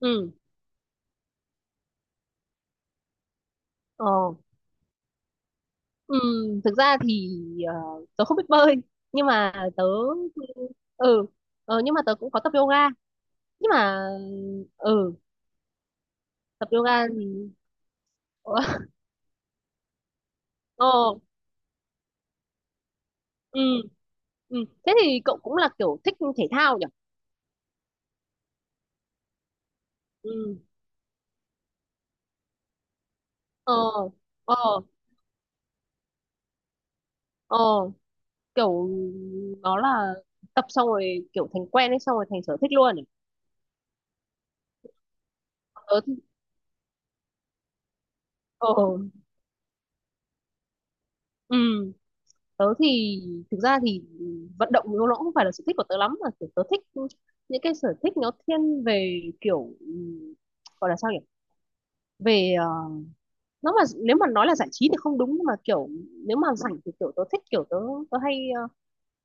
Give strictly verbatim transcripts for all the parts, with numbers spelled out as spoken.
Ừ. Ờ. Ừ, thực ra thì ờ, tớ không biết bơi nhưng mà tớ. Ừ. Ờ, nhưng mà tớ cũng có tập yoga nhưng mà ừ, tập yoga thì ờ, ừ, ừ, thế thì cậu cũng là kiểu thích thể thao nhỉ? Ừ. Ờ. Ờ. Ờ, kiểu nó là tập xong rồi kiểu thành quen ấy xong rồi thành sở thích luôn ấy. tớ thì- ờ. Ừ, tớ thì thực ra thì vận động nó cũng không phải là sở thích của tớ lắm mà kiểu tớ thích những cái sở thích nó thiên về kiểu ừm, gọi là sao nhỉ về ờ, nó. Mà nếu mà nói là giải trí thì không đúng nhưng mà kiểu nếu mà rảnh thì kiểu tớ thích kiểu tớ tớ hay ờ,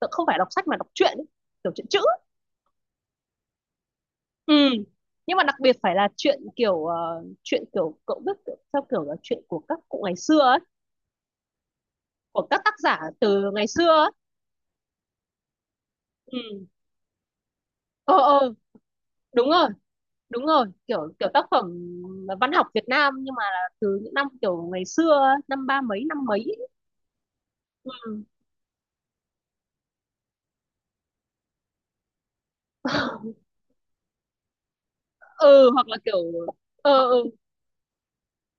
tớ không phải đọc sách mà đọc truyện ấy, kiểu truyện chữ. Ừ. Nhưng mà đặc biệt phải là chuyện kiểu ờ, chuyện kiểu cậu biết kiểu, theo kiểu là chuyện của các cụ ngày xưa ấy, của các tác giả từ ngày xưa ấy. Ừ. Ờ. Ờ. Đúng rồi. Đúng rồi, kiểu kiểu tác phẩm văn học Việt Nam nhưng mà là từ những năm kiểu ngày xưa ấy, năm ba mấy năm mấy ấy. Ừ. Ừ, hoặc là kiểu ờ ừ,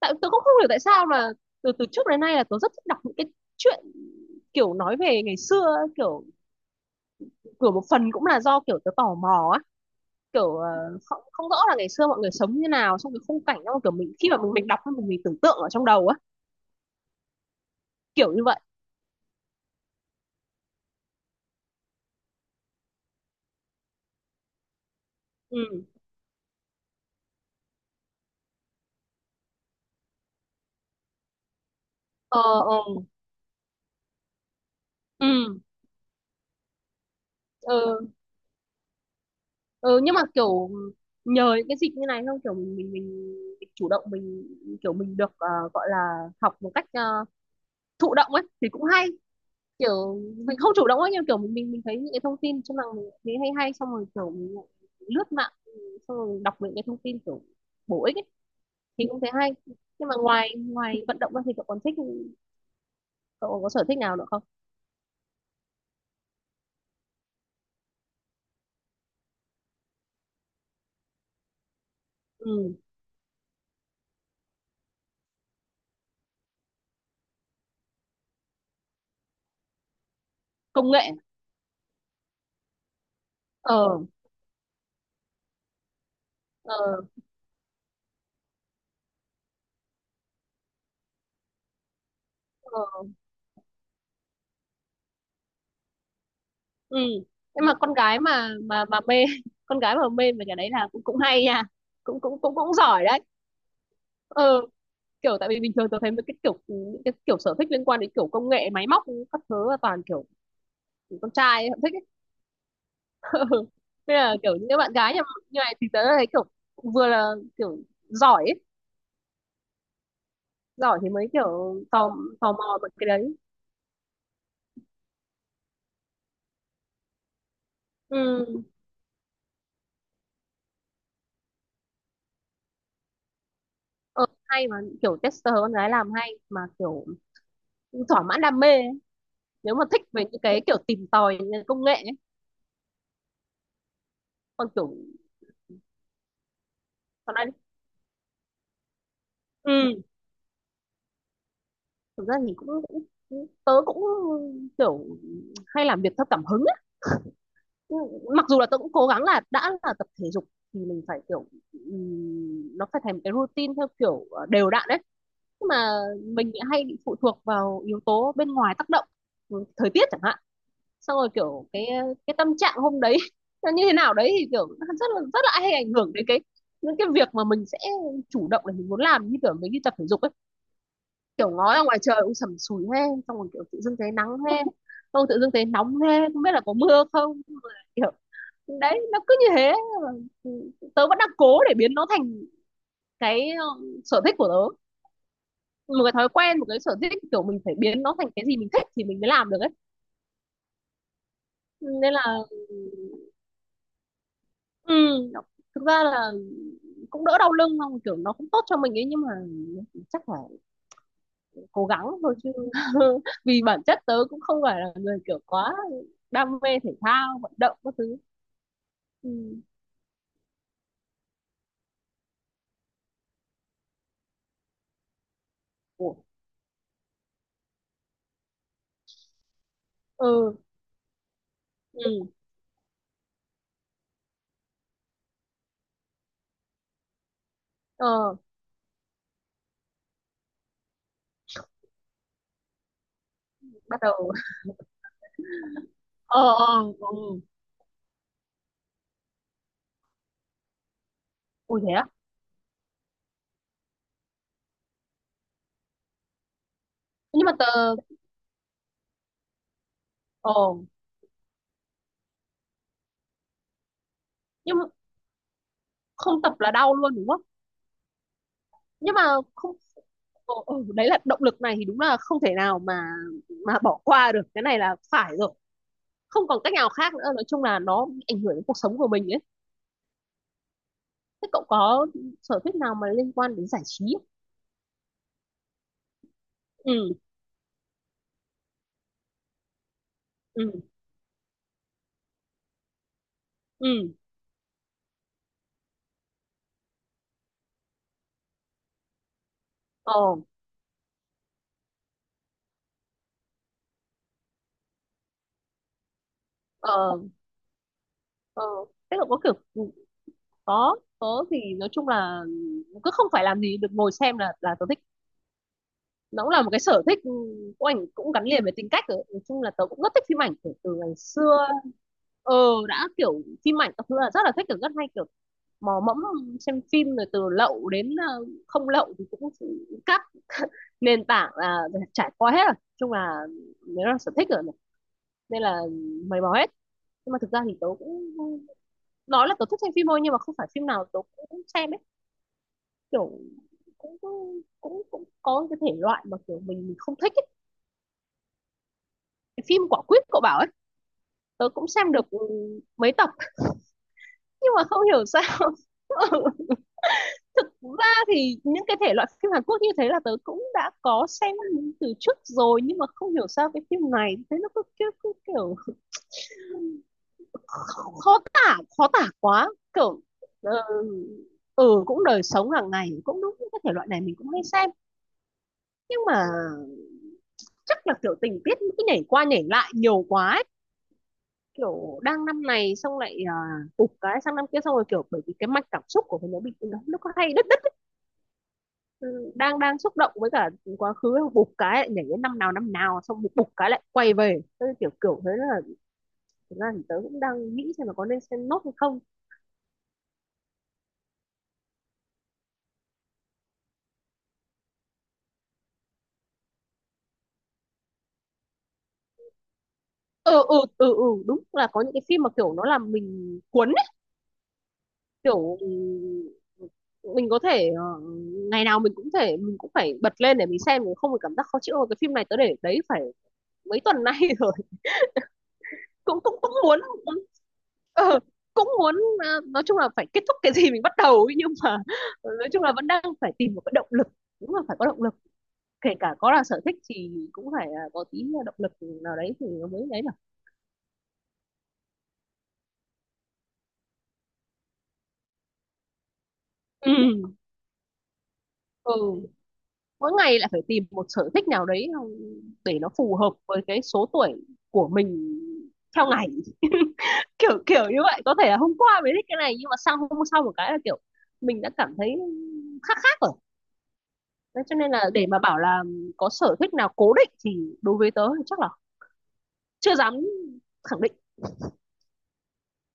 tại tôi cũng không hiểu tại sao là từ từ trước đến nay là tôi rất thích đọc những cái chuyện kiểu nói về ngày xưa ấy, kiểu kiểu một phần cũng là do kiểu tôi tò mò á, kiểu ờ, không, không rõ là ngày xưa mọi người sống như nào xong cái khung cảnh nó kiểu mình khi mà mình mình đọc mình, mình tưởng tượng ở trong đầu á, kiểu như vậy. Ừ. Ờ. Ờ. Ừ. Ờ. Ừ, nhưng mà kiểu nhờ những cái dịp như này không kiểu mình mình mình, mình chủ động mình kiểu mình được ờ, gọi là học một cách ờ, thụ động ấy thì cũng hay, kiểu mình không chủ động ấy nhưng kiểu mình mình mình thấy những cái thông tin trên mạng mình thấy hay hay xong rồi kiểu mình lại lướt mạng xong rồi đọc những cái thông tin kiểu bổ ích ấy, thì cũng thấy hay. Nhưng mà ngoài ngoài vận động ra thì cậu còn thích cậu còn có sở thích nào nữa không? Ừ, công nghệ. Ờ. Ờ. Ờ. Ừ, nhưng mà con gái mà mà mà mê con gái mà mê về cái đấy là cũng cũng hay nha, cũng cũng cũng cũng giỏi đấy. Ừ, kiểu tại vì bình thường tôi thấy mấy cái kiểu những cái kiểu sở thích liên quan đến kiểu công nghệ máy móc các thứ là toàn kiểu con trai ấy, họ thích ấy. Ừ. Thế là kiểu những cái bạn gái như, như này thì tớ thấy kiểu vừa là kiểu giỏi ấy. Giỏi thì mới kiểu tò tò mò về cái đấy. Ừ. Ừ, hay mà kiểu tester con gái làm hay mà kiểu thỏa mãn đam mê ấy. Nếu mà thích về những cái kiểu tìm tòi những cái công nghệ còn kiểu còn anh. Ừ, thực ra thì cũng, cũng cũng- tớ cũng kiểu hay làm việc theo cảm hứng ấy. Ừ, mặc dù là tớ cũng cố gắng là đã là tập thể dục thì mình phải kiểu ừm, nó phải thành một cái routine theo kiểu ờ, đều đặn đấy, nhưng mà mình lại hay bị phụ thuộc vào yếu tố bên ngoài tác động, ừ, thời tiết chẳng hạn, xong rồi kiểu cái cái tâm trạng hôm đấy nó như thế nào đấy thì kiểu rất là rất là hay ảnh hưởng đến cái những cái việc mà mình sẽ chủ động để mình muốn làm như kiểu mình đi tập thể dục ấy, kiểu ngó ra ngoài trời cũng sẩm sủi he, xong rồi kiểu tự dưng thấy nắng he, xong tự dưng thấy nóng he, không biết là có mưa không. Nhưng mà kiểu đấy nó cứ như thế. Mà tớ vẫn đang cố để biến nó thành cái ờ, sở thích của tớ, một cái thói quen, một cái sở thích kiểu mình phải biến nó thành cái gì mình thích thì mình mới làm được ấy, nên là ừ, nó- thực ra là cũng đỡ đau lưng không kiểu nó cũng tốt cho mình ấy nhưng mà chắc là cố gắng thôi chứ vì bản chất tớ cũng không phải là người kiểu quá đam mê thể thao vận động các thứ. Ừ. Ủa? Ừ. Ừ. Ờ. Bắt đầu. Ờ. Ờ. Ừ. Ui, thế á? Nhưng mà tớ. Ờ. Nhưng mà không tập là đau luôn đúng không? Nhưng mà không, ờ, ờ, đấy là động lực này thì đúng là không thể nào mà mà bỏ qua được cái này là phải rồi, không còn cách nào khác nữa, nói chung là nó ảnh hưởng đến cuộc sống của mình ấy. Thế cậu có sở thích nào mà liên quan đến giải trí không? Ừ. Ừ. Ừ. Ờ. Ờ. Ờ. Thế là có kiểu ừ, có có thì nói chung là cứ không phải làm gì được ngồi xem là là tớ thích, nó cũng là một cái sở thích ừ, của ảnh cũng gắn liền với tính cách rồi, nói chung là tớ cũng rất thích phim ảnh từ, từ ngày xưa. Ờ, đã kiểu phim ảnh các thứ là rất là thích kiểu rất hay kiểu mò mẫm xem phim rồi từ lậu đến ờ, không lậu thì cũng các nền tảng là trải qua hết rồi, nói chung là nếu là sở thích rồi mà. Nên là mày mò hết. Nhưng mà thực ra thì tớ cũng nói là tớ thích xem phim thôi nhưng mà không phải phim nào tớ cũng xem ấy, kiểu cũng cũng cũng, cũng có cái thể loại mà kiểu mình, mình không thích ấy. Cái phim Quả Quýt cậu bảo ấy tớ cũng xem được ừ, mấy tập, nhưng mà không hiểu sao ừ, thực ra thì những cái thể loại phim Hàn Quốc như thế là tớ cũng đã có xem từ trước rồi nhưng mà không hiểu sao cái phim này thế nó cứ, cứ, cứ kiểu khó tả, khó tả quá kiểu ờ, ừ, cũng đời sống hàng ngày cũng đúng những cái thể loại này mình cũng hay xem, nhưng mà chắc là kiểu tình tiết nghĩ nhảy qua nhảy lại nhiều quá ấy, kiểu đang năm này xong lại à, tụt cái sang năm kia xong rồi kiểu bởi vì cái mạch cảm xúc của mình nó bị nó, nó có hay đứt đứt ấy. Ừ, đang đang xúc động với cả quá khứ bục cái lại nhảy đến năm nào năm nào xong bục bục cái lại quay về. Thế kiểu kiểu thế là thực ra thì tớ cũng đang nghĩ xem là có nên xem nốt hay không. Ừ ừ ừ ừ, đúng là có những cái phim mà kiểu nó làm mình cuốn, kiểu ừ, mình có thể ờ, ngày nào mình cũng thể mình cũng phải bật lên để mình xem mình không phải cảm giác khó chịu "Ôi, cái phim này tớ để đấy phải mấy tuần nay rồi cũng cũng cũng muốn ờ, cũng muốn ờ, nói chung là phải kết thúc cái gì mình bắt đầu ấy, nhưng mà nói chung là vẫn đang phải tìm một cái động lực, đúng là phải có động lực, kể cả có là sở thích thì cũng phải ờ, có tí à, động lực nào đấy thì nó mới đấy nhở. Ừ. Ừ, mỗi ngày lại phải tìm một sở thích nào đấy để nó phù hợp với cái số tuổi của mình theo ngày kiểu kiểu như vậy, có thể là hôm qua mới thích cái này nhưng mà sang hôm sau một cái là kiểu mình đã cảm thấy khác khác rồi. Thế cho nên là để mà bảo là có sở thích nào cố định thì đối với tớ thì chắc là chưa dám khẳng định.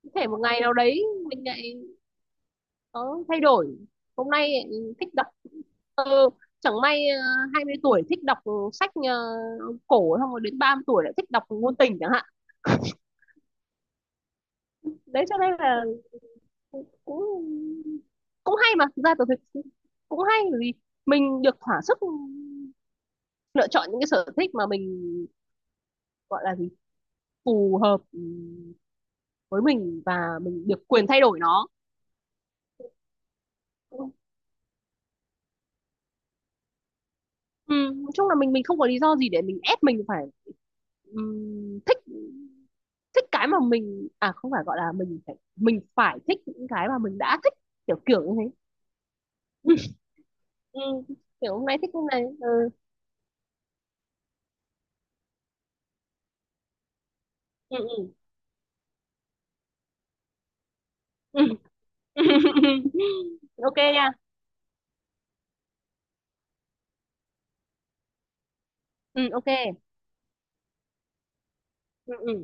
Có thể một ngày nào đấy mình lại có thay đổi, hôm nay thích đọc thơ, chẳng may ờ, hai mươi tuổi thích đọc sách ờ, cổ, xong rồi đến ba mươi tuổi lại thích đọc ngôn tình chẳng hạn. Đấy cho nên là cũng cũng cũng hay mà, thực ra tôi thấy cũng hay vì mình được thỏa sức lựa chọn những cái sở thích mà mình gọi là gì phù hợp ừm, với mình và mình được quyền thay đổi nó. Ừ, nói chung là mình mình không có lý do gì để mình ép mình phải ừm, thích, thích cái mà mình à không phải gọi là mình phải mình phải thích những cái mà mình đã thích, kiểu kiểu như thế. Ừ, kiểu hôm nay thích hôm nay ừ, ừ, ừ. Ok nha. Ừ, ok. Ừ, ừ.